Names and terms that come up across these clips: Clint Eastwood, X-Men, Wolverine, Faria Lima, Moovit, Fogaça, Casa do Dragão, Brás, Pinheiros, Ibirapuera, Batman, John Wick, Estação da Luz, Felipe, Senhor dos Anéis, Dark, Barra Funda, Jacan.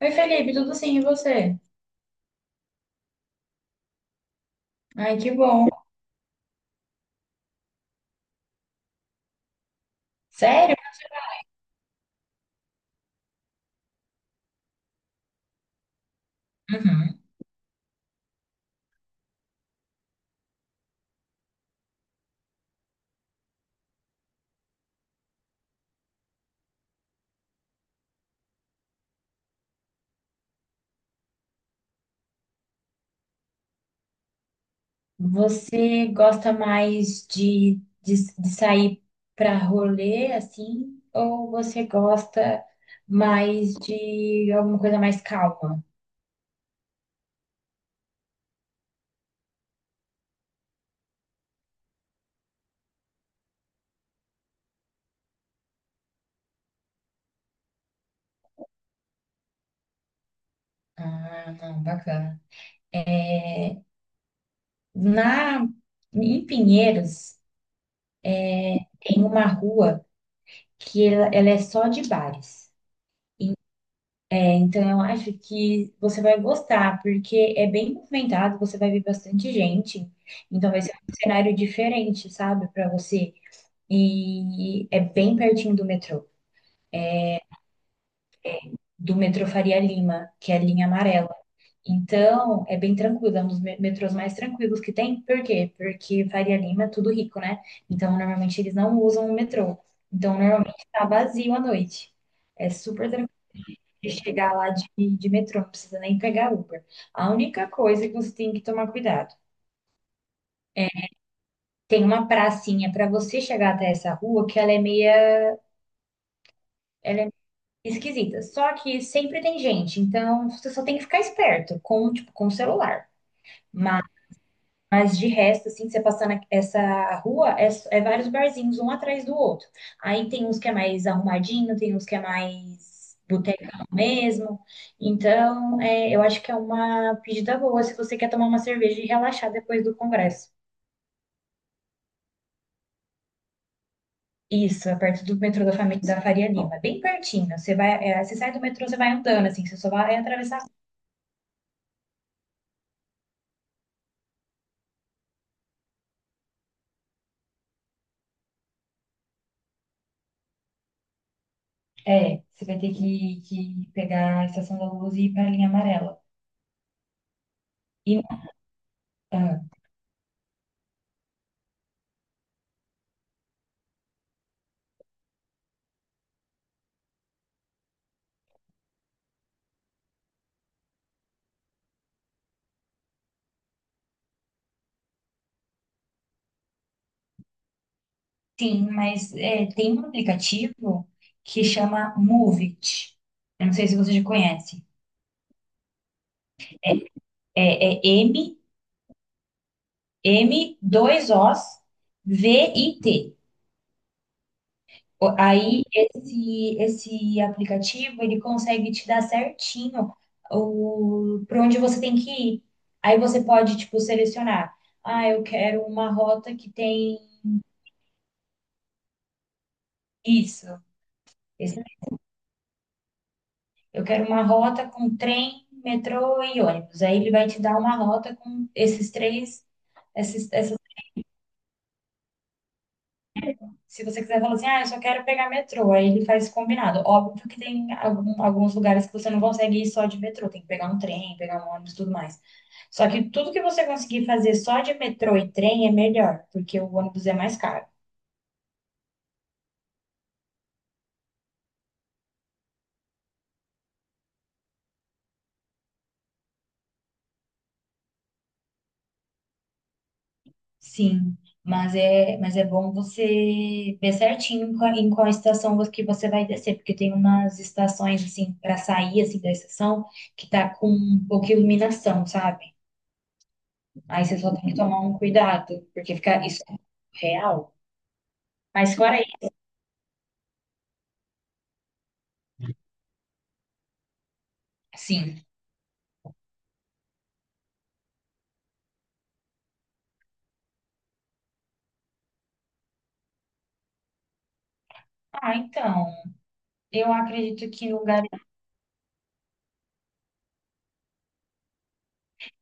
Oi, Felipe, tudo sim, e você? Ai, que bom. Sério? Uhum. Você gosta mais de sair pra rolê, assim, ou você gosta mais de alguma coisa mais calma? Ah, não, bacana. Na, Em Pinheiros, tem uma rua que ela é só de bares. É, então, eu acho que você vai gostar, porque é bem movimentado, você vai ver bastante gente. Então, vai ser um cenário diferente, sabe, para você. E é bem pertinho do metrô Faria Lima, que é a linha amarela. Então, é bem tranquilo, é um dos metrôs mais tranquilos que tem. Por quê? Porque Faria Lima é tudo rico, né? Então, normalmente eles não usam o metrô. Então, normalmente tá vazio à noite. É super de chegar lá de metrô, não precisa nem pegar Uber. A única coisa que você tem que tomar cuidado. Tem uma pracinha para você chegar até essa rua que ela é meia esquisita. Só que sempre tem gente, então você só tem que ficar esperto com, tipo, com o celular. Mas Mas de resto, assim, você passando essa rua, é vários barzinhos, um atrás do outro. Aí tem uns que é mais arrumadinho, tem uns que é mais botecão mesmo. Então, é, eu acho que é uma pedida boa se você quer tomar uma cerveja e relaxar depois do congresso. Isso, é perto do metrô da Faria Lima, bem pertinho. Você vai, você sai do metrô, você vai andando, assim, você só vai atravessar. É, você vai ter que pegar a Estação da Luz e ir para a linha amarela. E, ah, sim, mas é, tem um aplicativo que chama Moovit. Eu não sei se você já conhece. É M, M2Os VIT. Aí esse aplicativo ele consegue te dar certinho o para onde você tem que ir. Aí você pode tipo selecionar, ah, eu quero uma rota que tem isso. Eu quero uma rota com trem, metrô e ônibus. Aí ele vai te dar uma rota com esses três, esses, essas, se você quiser falar assim, ah, eu só quero pegar metrô, aí ele faz combinado. Óbvio que tem alguns lugares que você não consegue ir só de metrô, tem que pegar um trem, pegar um ônibus, e tudo mais. Só que tudo que você conseguir fazer só de metrô e trem é melhor, porque o ônibus é mais caro. Sim, mas é bom você ver certinho em qual estação que você vai descer, porque tem umas estações assim para sair assim da estação que tá com pouca iluminação, sabe? Aí você só tem que tomar um cuidado, porque fica isso é real. Mas fora aí, sim. Ah, então, eu acredito que no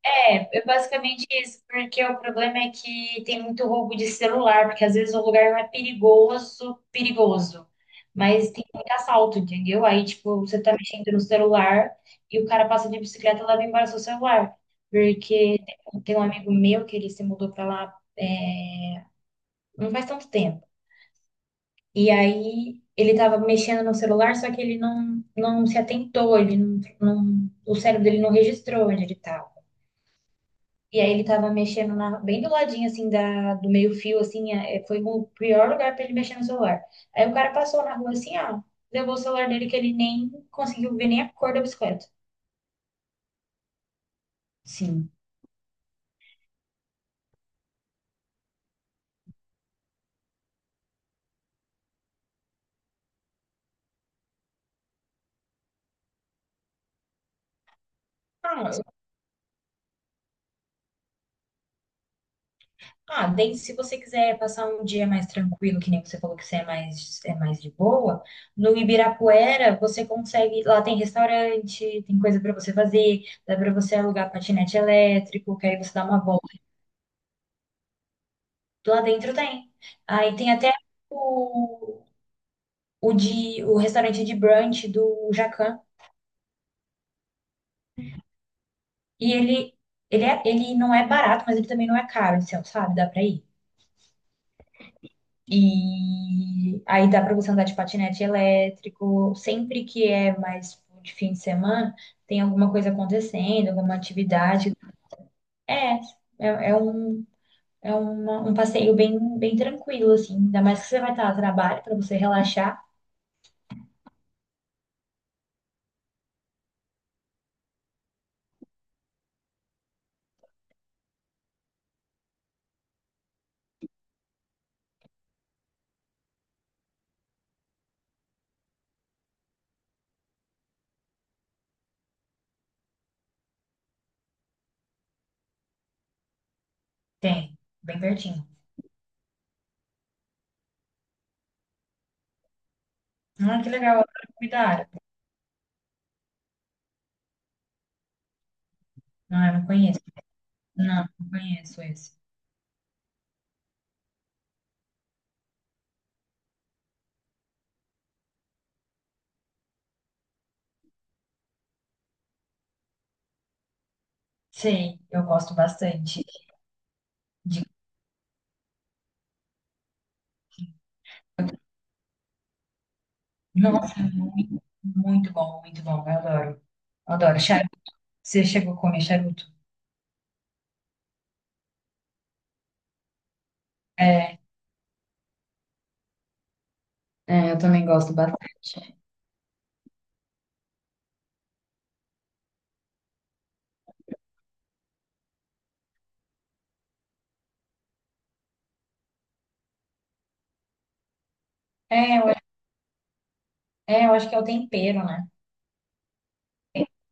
É basicamente isso, porque o problema é que tem muito roubo de celular, porque às vezes o lugar não é perigoso, perigoso, mas tem muito assalto, entendeu? Aí, tipo, você tá mexendo no celular e o cara passa de bicicleta e leva embora seu celular. Porque tem um amigo meu que ele se mudou pra lá, é, não faz tanto tempo. E aí ele tava mexendo no celular, só que ele não se atentou, ele não, não- o cérebro dele não registrou onde ele tava. E aí ele tava mexendo bem do ladinho, assim, do meio-fio, assim, foi o pior lugar pra ele mexer no celular. Aí o cara passou na rua, assim, ó, levou o celular dele que ele nem conseguiu ver nem a cor da bicicleta. Sim. Ah, ah, daí se você quiser passar um dia mais tranquilo, que nem você falou que você é mais, de boa, no Ibirapuera você consegue, lá tem restaurante, tem coisa pra você fazer, dá pra você alugar patinete elétrico, que aí você dá uma volta. Lá dentro tem. Aí tem até o o restaurante de brunch do Jacan. E ele não é barato, mas ele também não é caro, assim, sabe? Dá pra ir. E aí dá pra você andar de patinete elétrico. Sempre que é mais de fim de semana, tem alguma coisa acontecendo, alguma atividade. É, é, é um. É um passeio bem, bem tranquilo, assim. Ainda mais que você vai estar a trabalho para você relaxar. Tem, bem pertinho. Ah, que legal, eu adoro comida árabe. Não, eu não conheço. Não, não conheço esse. Sei, eu gosto bastante. De... Nossa, muito, muito bom, muito bom. Eu adoro. Eu adoro. Charuto. Você chegou a comer charuto? É, é, eu também gosto bastante. é, eu, eu acho que é o tempero, né?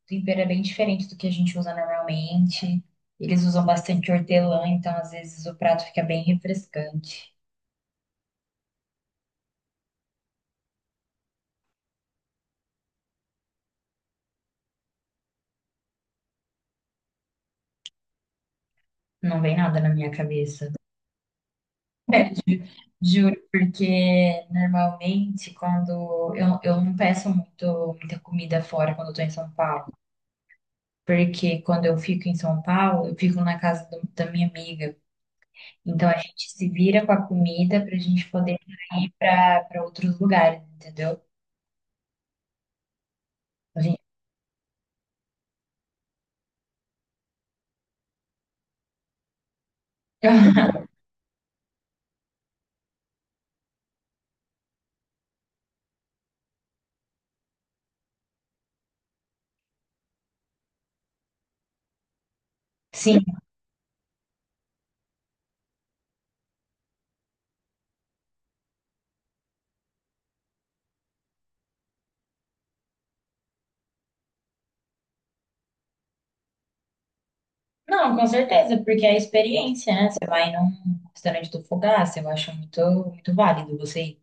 O tempero é bem diferente do que a gente usa normalmente. Eles usam bastante hortelã, então às vezes o prato fica bem refrescante. Não vem nada na minha cabeça. Juro, porque normalmente quando eu não peço muito, muita comida fora quando eu tô em São Paulo. Porque quando eu fico em São Paulo, eu fico na casa da minha amiga. Então a gente se vira com a comida pra gente poder ir pra para outros lugares, entendeu? A gente... Sim, não, com certeza, porque é a experiência, né? Você vai num restaurante do Fogaça, eu acho muito, muito válido você ir.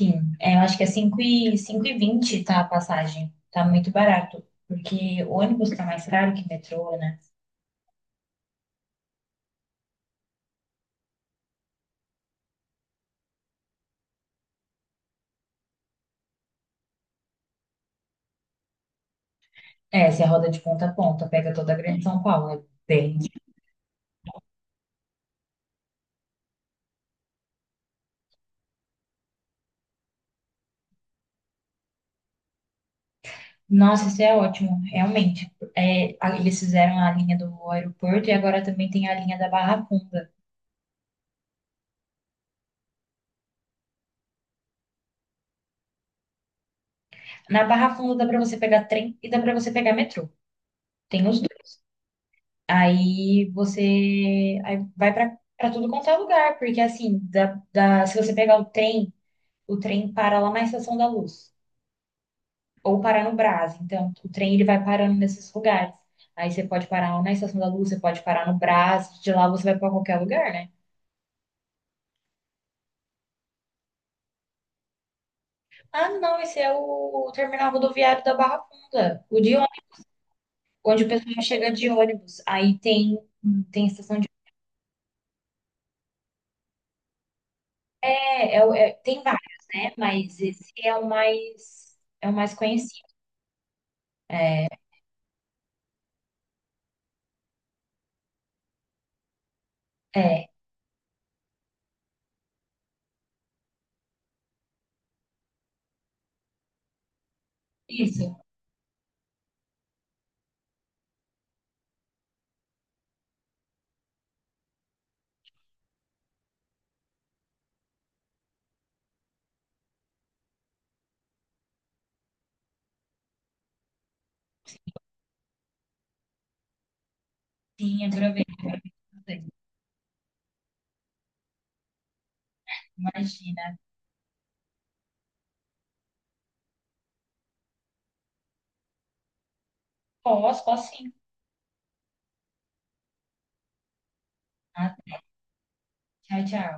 Sim, é, eu acho que é 5 e 20 tá a passagem. Tá muito barato, porque o ônibus tá mais caro que metrô, né? É, você roda de ponta a ponta, pega toda a Grande São Paulo, é bem. Nossa, isso é ótimo, realmente. É, eles fizeram a linha do aeroporto e agora também tem a linha da Barra Funda. Na Barra Funda dá para você pegar trem e dá para você pegar metrô. Tem os dois. Aí você aí vai para tudo quanto é lugar, porque assim, se você pegar o trem para lá na Estação da Luz ou para no Brás. Então, o trem ele vai parando nesses lugares. Aí você pode parar na Estação da Luz, você pode parar no Brás, de lá você vai para qualquer lugar, né? Ah, não, esse é o terminal rodoviário da Barra Funda, o de ônibus, onde o pessoal chega de ônibus. Aí tem estação de. Tem vários, né? Mas esse é o mais, conhecido. É, isso. Sim, aproveita. Aproveita. Imagina. Posso, posso sim. Ah, tchau, tchau.